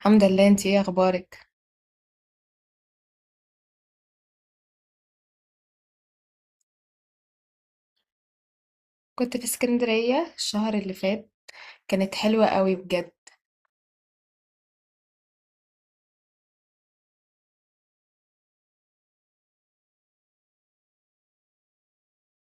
الحمد لله. انتي ايه اخبارك؟ كنت في اسكندرية الشهر اللي فات. كانت حلوة قوي بجد.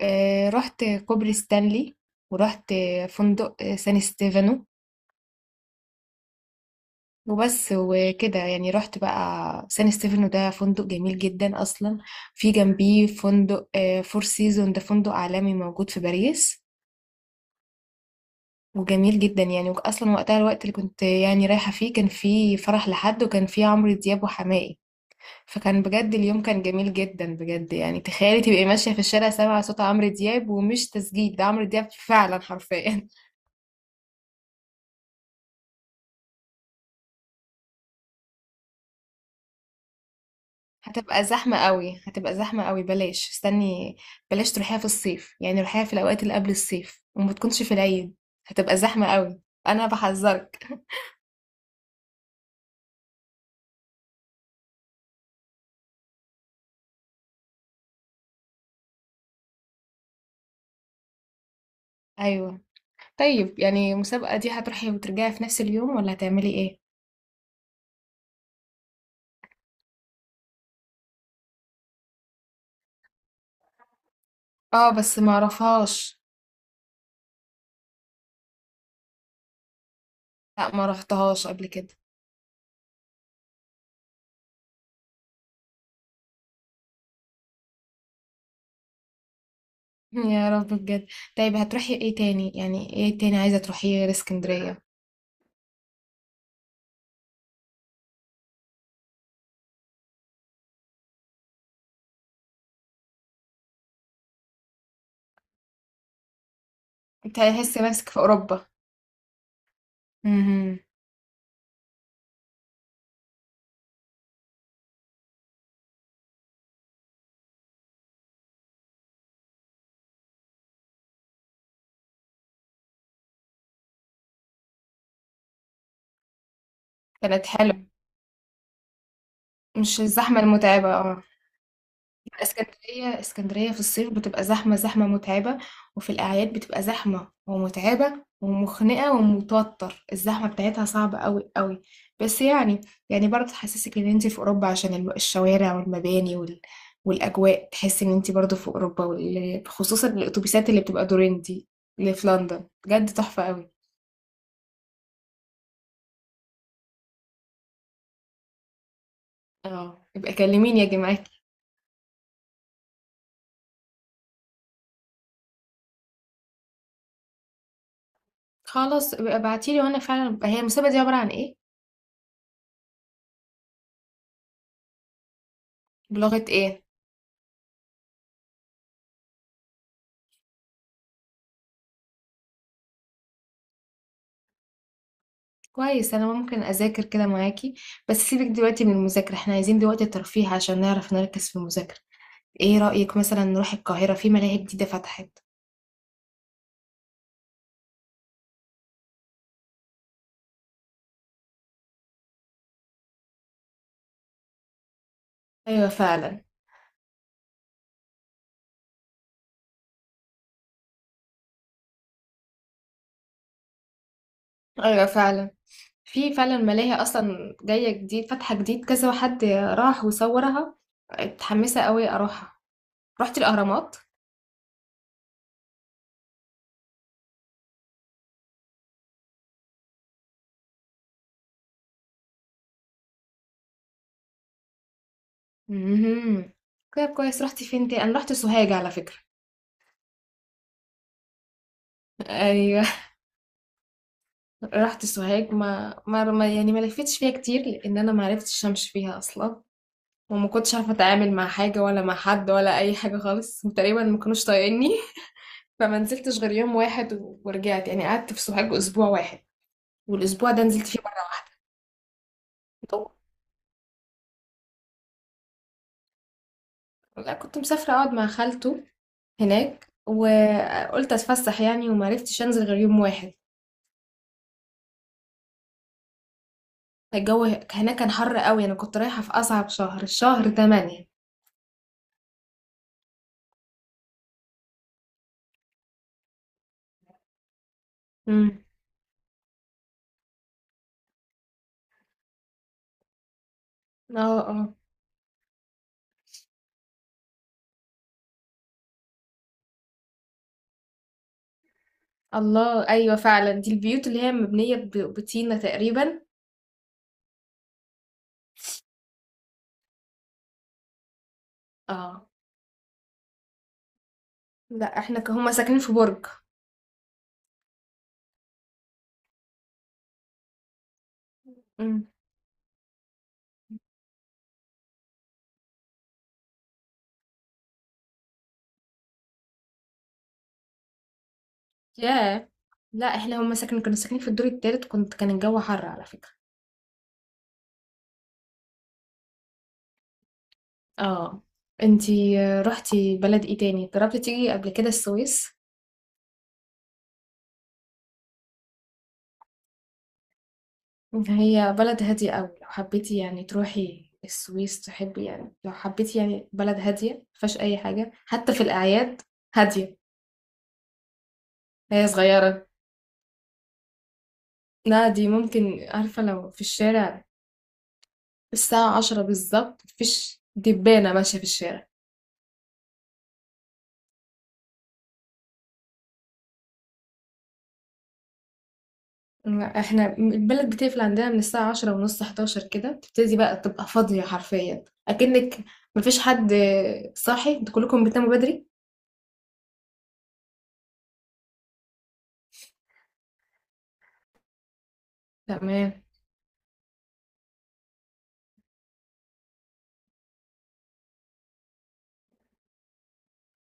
اه، رحت كوبري ستانلي ورحت فندق سان ستيفانو. وبس وكده، يعني رحت بقى. سان ستيفانو ده فندق جميل جدا اصلا. في جنبيه فندق فور سيزون. ده فندق عالمي موجود في باريس. وجميل جدا يعني اصلا. وقتها، الوقت اللي كنت يعني رايحة فيه، كان فيه فرح لحد، وكان فيه عمرو دياب وحماقي. فكان بجد اليوم كان جميل جدا بجد. يعني تخيلي تبقي ماشية في الشارع سامعة صوت عمرو دياب، ومش تسجيل، ده عمرو دياب فعلا حرفيا. هتبقى زحمة قوي، هتبقى زحمة قوي. بلاش، استني. بلاش تروحيها في الصيف، يعني روحيها في الأوقات اللي قبل الصيف، وما تكونش في العيد. هتبقى زحمة قوي. أنا بحذرك. أيوة. طيب، يعني المسابقة دي هتروحي وترجعي في نفس اليوم ولا هتعملي إيه؟ اه، بس ما رفهاش. لا، ما رحتهاش قبل كده. يا رب بجد. طيب هتروحي ايه تاني، يعني ايه تاني عايزة تروحيه غير اسكندرية؟ انت هتحسي نفسك في اوروبا. امم. كانت حلوة. مش الزحمة المتعبة، اه. اسكندرية، اسكندرية في الصيف بتبقى زحمة، زحمة متعبة. وفي الأعياد بتبقى زحمة ومتعبة ومخنقة ومتوتر. الزحمة بتاعتها صعبة أوي أوي. بس يعني، برضه تحسسك إن أنت في أوروبا عشان الشوارع والمباني والأجواء. تحس إن أنت برضه في أوروبا خصوصا الأتوبيسات اللي بتبقى دورين دي، اللي في لندن بجد تحفة أوي. اه، يبقى كلميني يا جماعة. خلاص ابقى ابعتيلي وأنا فعلا بقى. هي المسابقة دي عبارة عن إيه؟ بلغة إيه؟ كويس، أنا ممكن أذاكر كده معاكي. بس سيبك دلوقتي من المذاكرة، احنا عايزين دلوقتي ترفيه عشان نعرف نركز في المذاكرة. ايه رأيك مثلا نروح القاهرة؟ في ملاهي جديدة فتحت. أيوة فعلا. أيوة فعلا. في فعلا ملاهي أصلا جاية جديد، فاتحة جديد، كذا حد راح وصورها. متحمسة قوي أروحها. رحت الأهرامات. امم. كده كويس. رحت فين تاني؟ أنا رحت سوهاج على فكرة. أيوة. رحت سوهاج. يعني ما لفتش فيها كتير، لأن أنا ما عرفتش أمشي فيها أصلا. وما كنتش عارفه اتعامل مع حاجه، ولا مع حد، ولا اي حاجه خالص، وتقريبا ما كانوش طايقيني. فما نزلتش غير يوم واحد ورجعت. يعني قعدت في سوهاج اسبوع واحد، والاسبوع ده نزلت فيه مره واحده. طب- لا، كنت مسافره اقعد مع خالته هناك، وقلت اتفسح يعني، وما عرفتش انزل غير يوم واحد. الجو هناك كان حر قوي. انا كنت رايحه في اصعب شهر، شهر 8. امم. اه، اه. الله، ايوه فعلا. دي البيوت اللي هي مبنيه بطينه تقريبا. اه. لا، احنا هما ساكنين في برج. امم. ياه. لا، احنا هما كنا ساكنين في الدور التالت. كان الجو حر على فكرة. اه. انتي رحتي بلد ايه تاني؟ جربتي تيجي قبل كده السويس؟ هي بلد هادية قوي، لو حبيتي يعني تروحي السويس، تحبي يعني، لو حبيتي يعني بلد هادية مفيهاش اي حاجة حتى في الاعياد، هادية. هي صغيرة. لا، دي ممكن عارفة، لو في الشارع الساعة عشرة بالظبط مفيش دبانة ماشية في الشارع. احنا البلد بتقفل عندنا من الساعة عشرة ونص، حداشر كده تبتدي بقى تبقى فاضية حرفيا، أكنك مفيش حد صاحي. انتوا كلكم بتناموا بدري. تمام.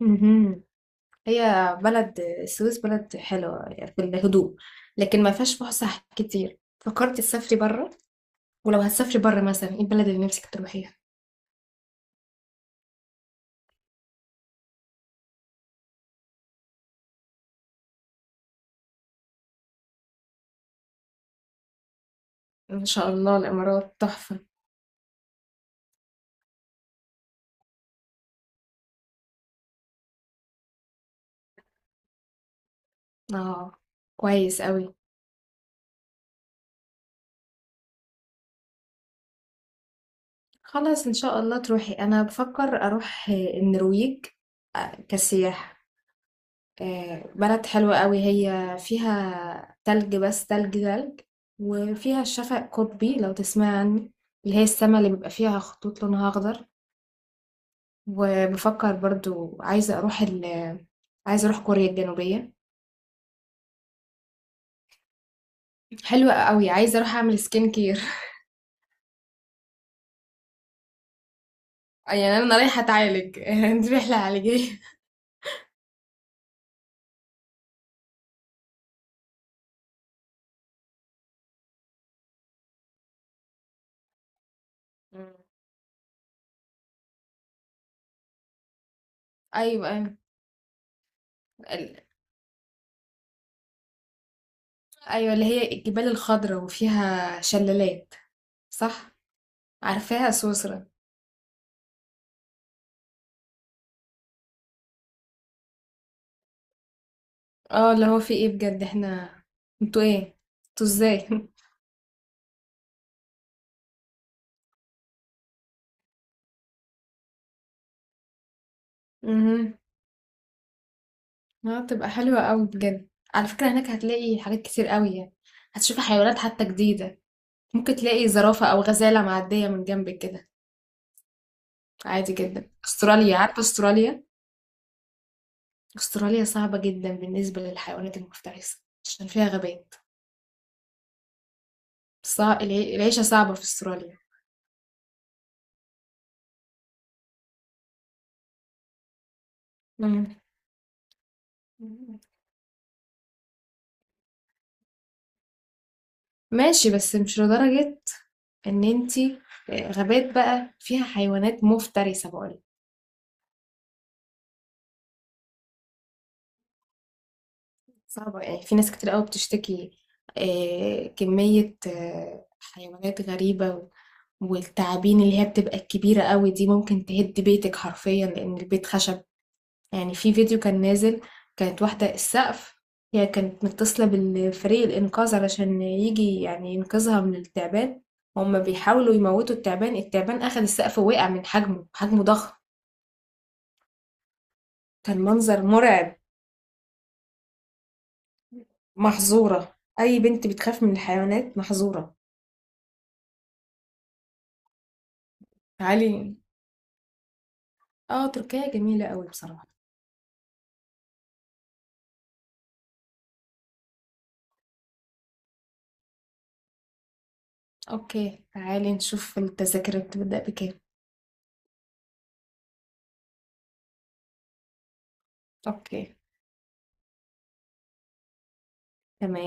مهم. هي بلد السويس بلد حلوة، يعني في الهدوء. لكن ما فيهاش فسح كتير. فكرت تسافري بره؟ ولو هتسافري بره، مثلا ايه البلد اللي نفسك تروحيها؟ ان شاء الله. الإمارات تحفة. اه، كويس قوي. خلاص، ان شاء الله تروحي. انا بفكر اروح النرويج، كسياحة. بلد حلوة قوي. هي فيها تلج، بس تلج، تلج. وفيها الشفق قطبي، لو تسمع عنه، اللي هي السما اللي بيبقى فيها خطوط لونها أخضر. وبفكر برضو عايزة أروح كوريا الجنوبية. حلوة قوي. عايزة أروح أعمل سكين كير. يعني أنا رايحة أتعالج. دي رحلة علاجية. مم. أيوة، أيوة. ال- أيوة، اللي هي الجبال الخضراء وفيها شلالات. صح. عارفاها سويسرا. اه، اللي هو في ايه بجد؟ احنا، انتوا ايه؟ انتوا ازاي؟ مهم. اه، تبقى حلوة قوي بجد. على فكرة هناك هتلاقي حاجات كتير قوي يعني. هتشوفي حيوانات حتى جديدة. ممكن تلاقي زرافة او غزالة معدية من جنبك كده، عادي جدا. استراليا، عارفة استراليا؟ استراليا صعبة جدا بالنسبة للحيوانات المفترسة، عشان فيها غابات. العيشة صعبة في استراليا. مم. ماشي، بس مش لدرجة ان انتي غابات بقى فيها حيوانات مفترسة، بقولك. صعبة يعني، في ناس كتير قوي بتشتكي كمية حيوانات غريبة. والتعابين اللي هي بتبقى الكبيرة قوي دي، ممكن تهد بيتك حرفيا، لأن البيت خشب. يعني في فيديو كان نازل. كانت واحدة السقف. هي كانت متصلة بالفريق الإنقاذ علشان يجي يعني ينقذها من التعبان. هما بيحاولوا يموتوا التعبان. التعبان أخد السقف ووقع من حجمه. حجمه ضخم. كان منظر مرعب. محظورة. أي بنت بتخاف من الحيوانات، محظورة. تعالي. اه، تركيا جميلة قوي بصراحة. اوكي، تعالي نشوف التذاكر بتبدأ بكام. اوكي، تمام.